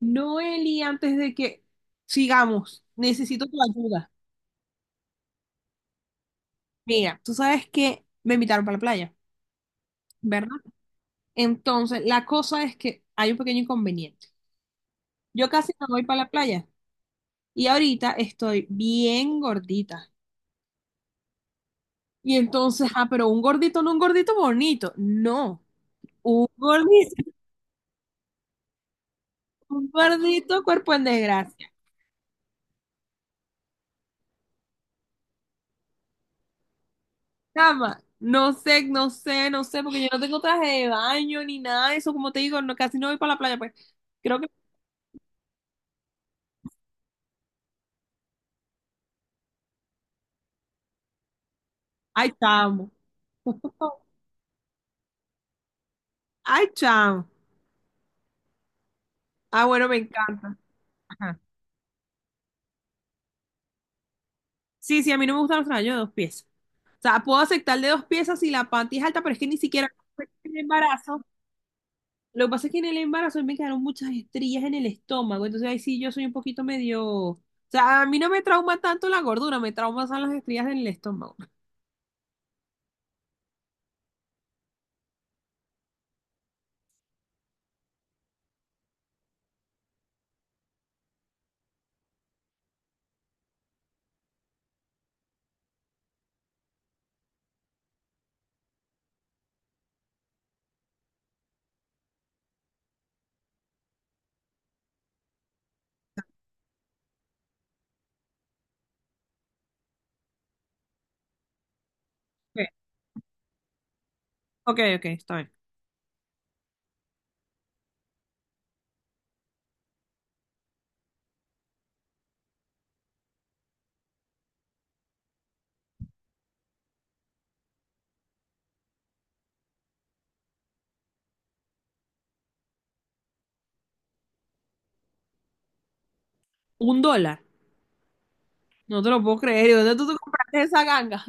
Noeli, antes de que sigamos, necesito tu ayuda. Mira, tú sabes que me invitaron para la playa, ¿verdad? Entonces, la cosa es que hay un pequeño inconveniente. Yo casi no voy para la playa y ahorita estoy bien gordita. Y entonces, ah, pero un gordito, no un gordito bonito, no, un gordito, un gordito cuerpo en desgracia. Chama, no sé, no sé, no sé, porque yo no tengo traje de baño ni nada de eso, como te digo, no, casi no voy para la playa, pues. Creo que ay, chamo. Ay, chamo. Ah, bueno, me encanta. Ajá. Sí, sí, a mí no me gustan los trajes de dos piezas. O sea, puedo aceptar de dos piezas si la panty es alta, pero es que ni siquiera en el embarazo. Lo que pasa es que en el embarazo a mí me quedaron muchas estrías en el estómago. Entonces ahí sí yo soy un poquito medio. O sea, a mí no me trauma tanto la gordura, me trauma son las estrías en el estómago. Ok, ok, ok, está bien. $1. No te lo puedo creer. ¿Y dónde tú te compraste esa ganga?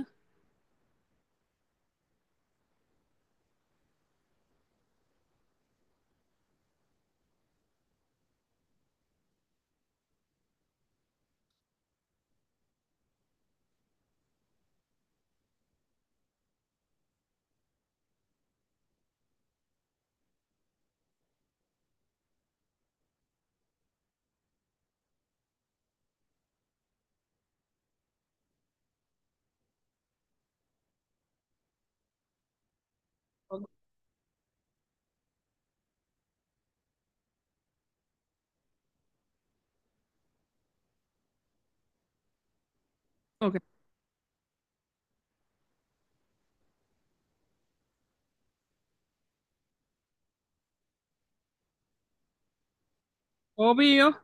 Ok. Obvio.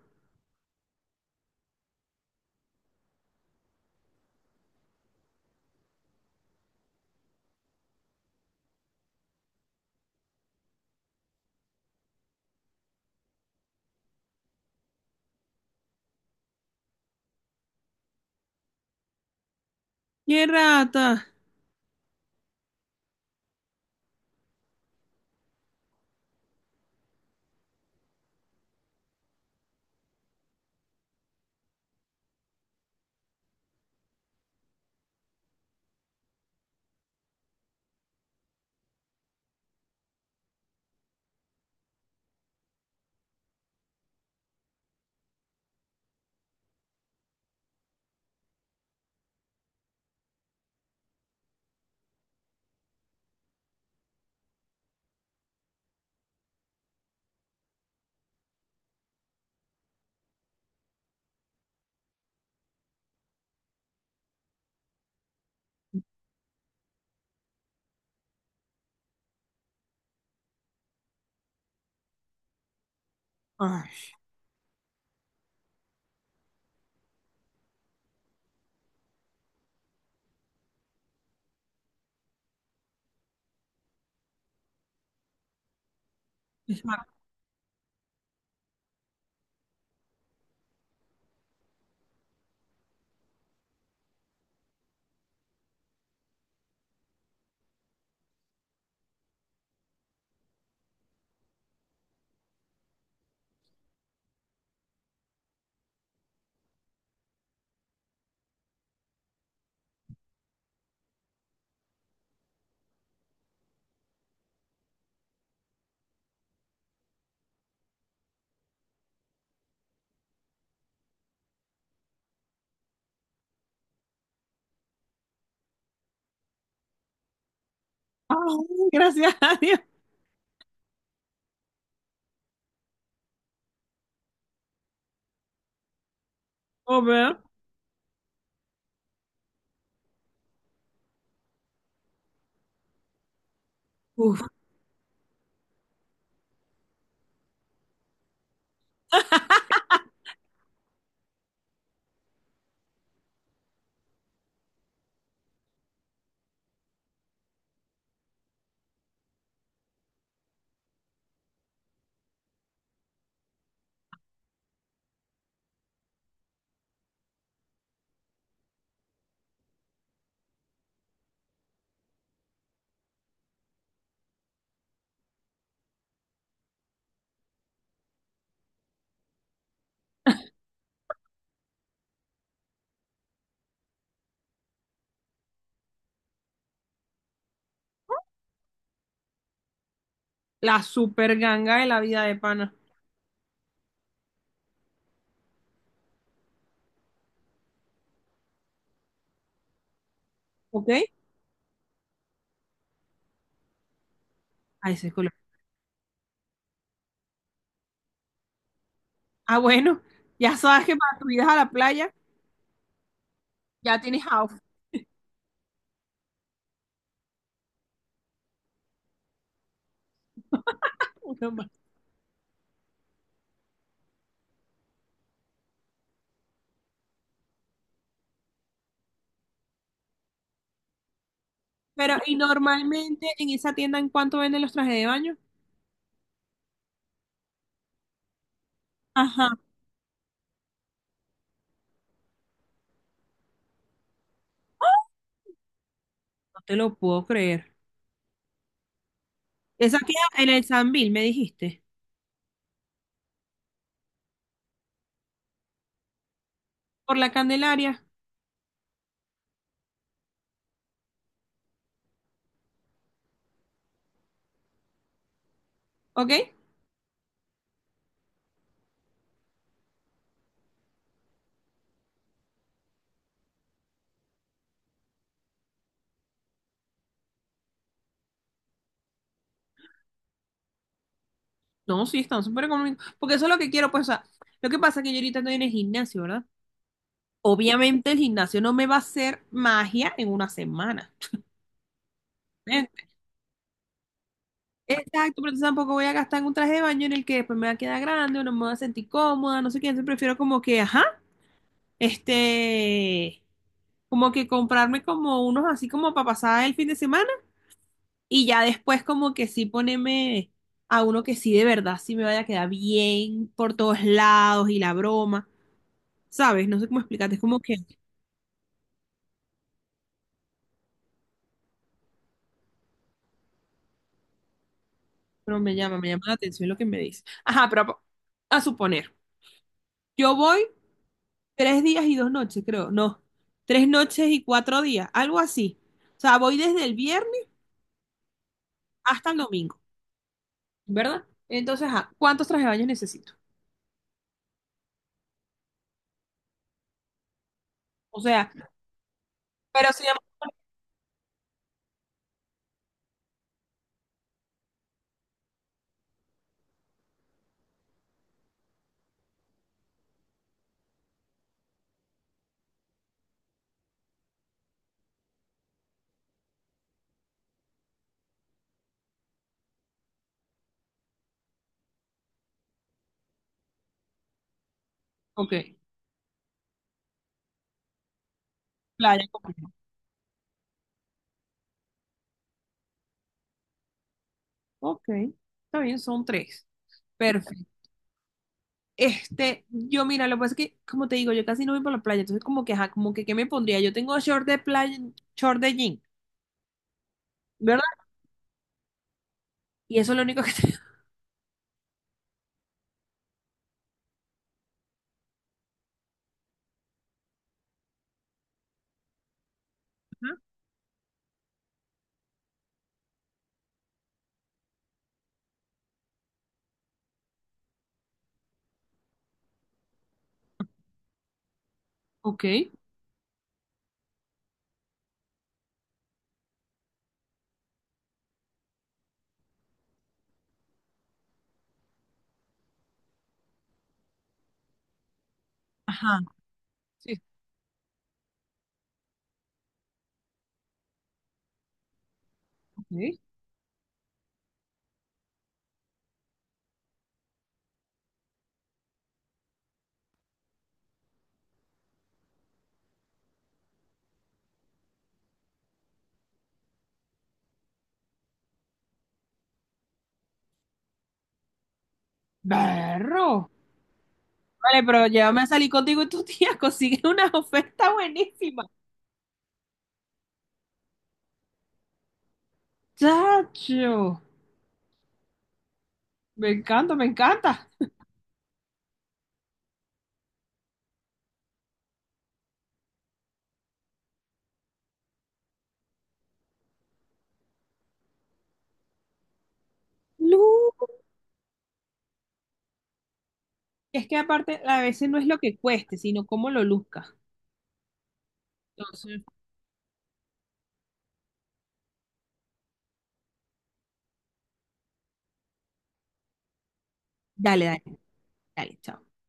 ¡Qué rata! Ay. Ah, gracias a Dios. Oh, vea. Uf, la super ganga de la vida de pana. ¿Ok? A ese color. Ah, bueno, ya sabes que para tu ida a la playa ya tienes outfit. Uno más. Pero, ¿y normalmente en esa tienda en cuánto venden los trajes de baño? Ajá, no te lo puedo creer. Esa queda en el Sambil, me dijiste. Por la Candelaria, ¿ok? No, sí, están súper económicos. Porque eso es lo que quiero, pues, o sea, lo que pasa es que yo ahorita estoy en el gimnasio, ¿verdad? Obviamente el gimnasio no me va a hacer magia en una semana. Eh, Exacto, pero entonces tampoco voy a gastar en un traje de baño en el que después me va a quedar grande o no me voy a sentir cómoda, no sé qué. Entonces prefiero como que, ajá, este, como que comprarme como unos así como para pasar el fin de semana y ya después como que sí ponerme a uno que sí de verdad sí me vaya a quedar bien por todos lados y la broma, ¿sabes? No sé cómo explicarte, es como que, pero me llama la atención lo que me dice. Ajá, pero a suponer, yo voy 3 días y 2 noches, creo. No, 3 noches y 4 días, algo así. O sea, voy desde el viernes hasta el domingo, ¿verdad? Entonces, ajá, ¿cuántos trajes de baño necesito? O sea, pero se llama... Ok, playa completa. Ok, está bien, son tres. Perfecto. Este, yo mira, lo que pasa es que, como te digo, yo casi no voy para la playa, entonces como que, ajá, como que, ¿qué me pondría? Yo tengo short de playa, short de jean, ¿verdad? Y eso es lo único que tengo. Ajá, ok. Ajá. Sí, ok. Berro. Vale, pero llévame a salir contigo y tu tía consigue una oferta buenísima. Chacho, me encanta, me encanta. Lu, es que aparte a veces no es lo que cueste, sino cómo lo luzca. Entonces, dale, dale, dale, chao.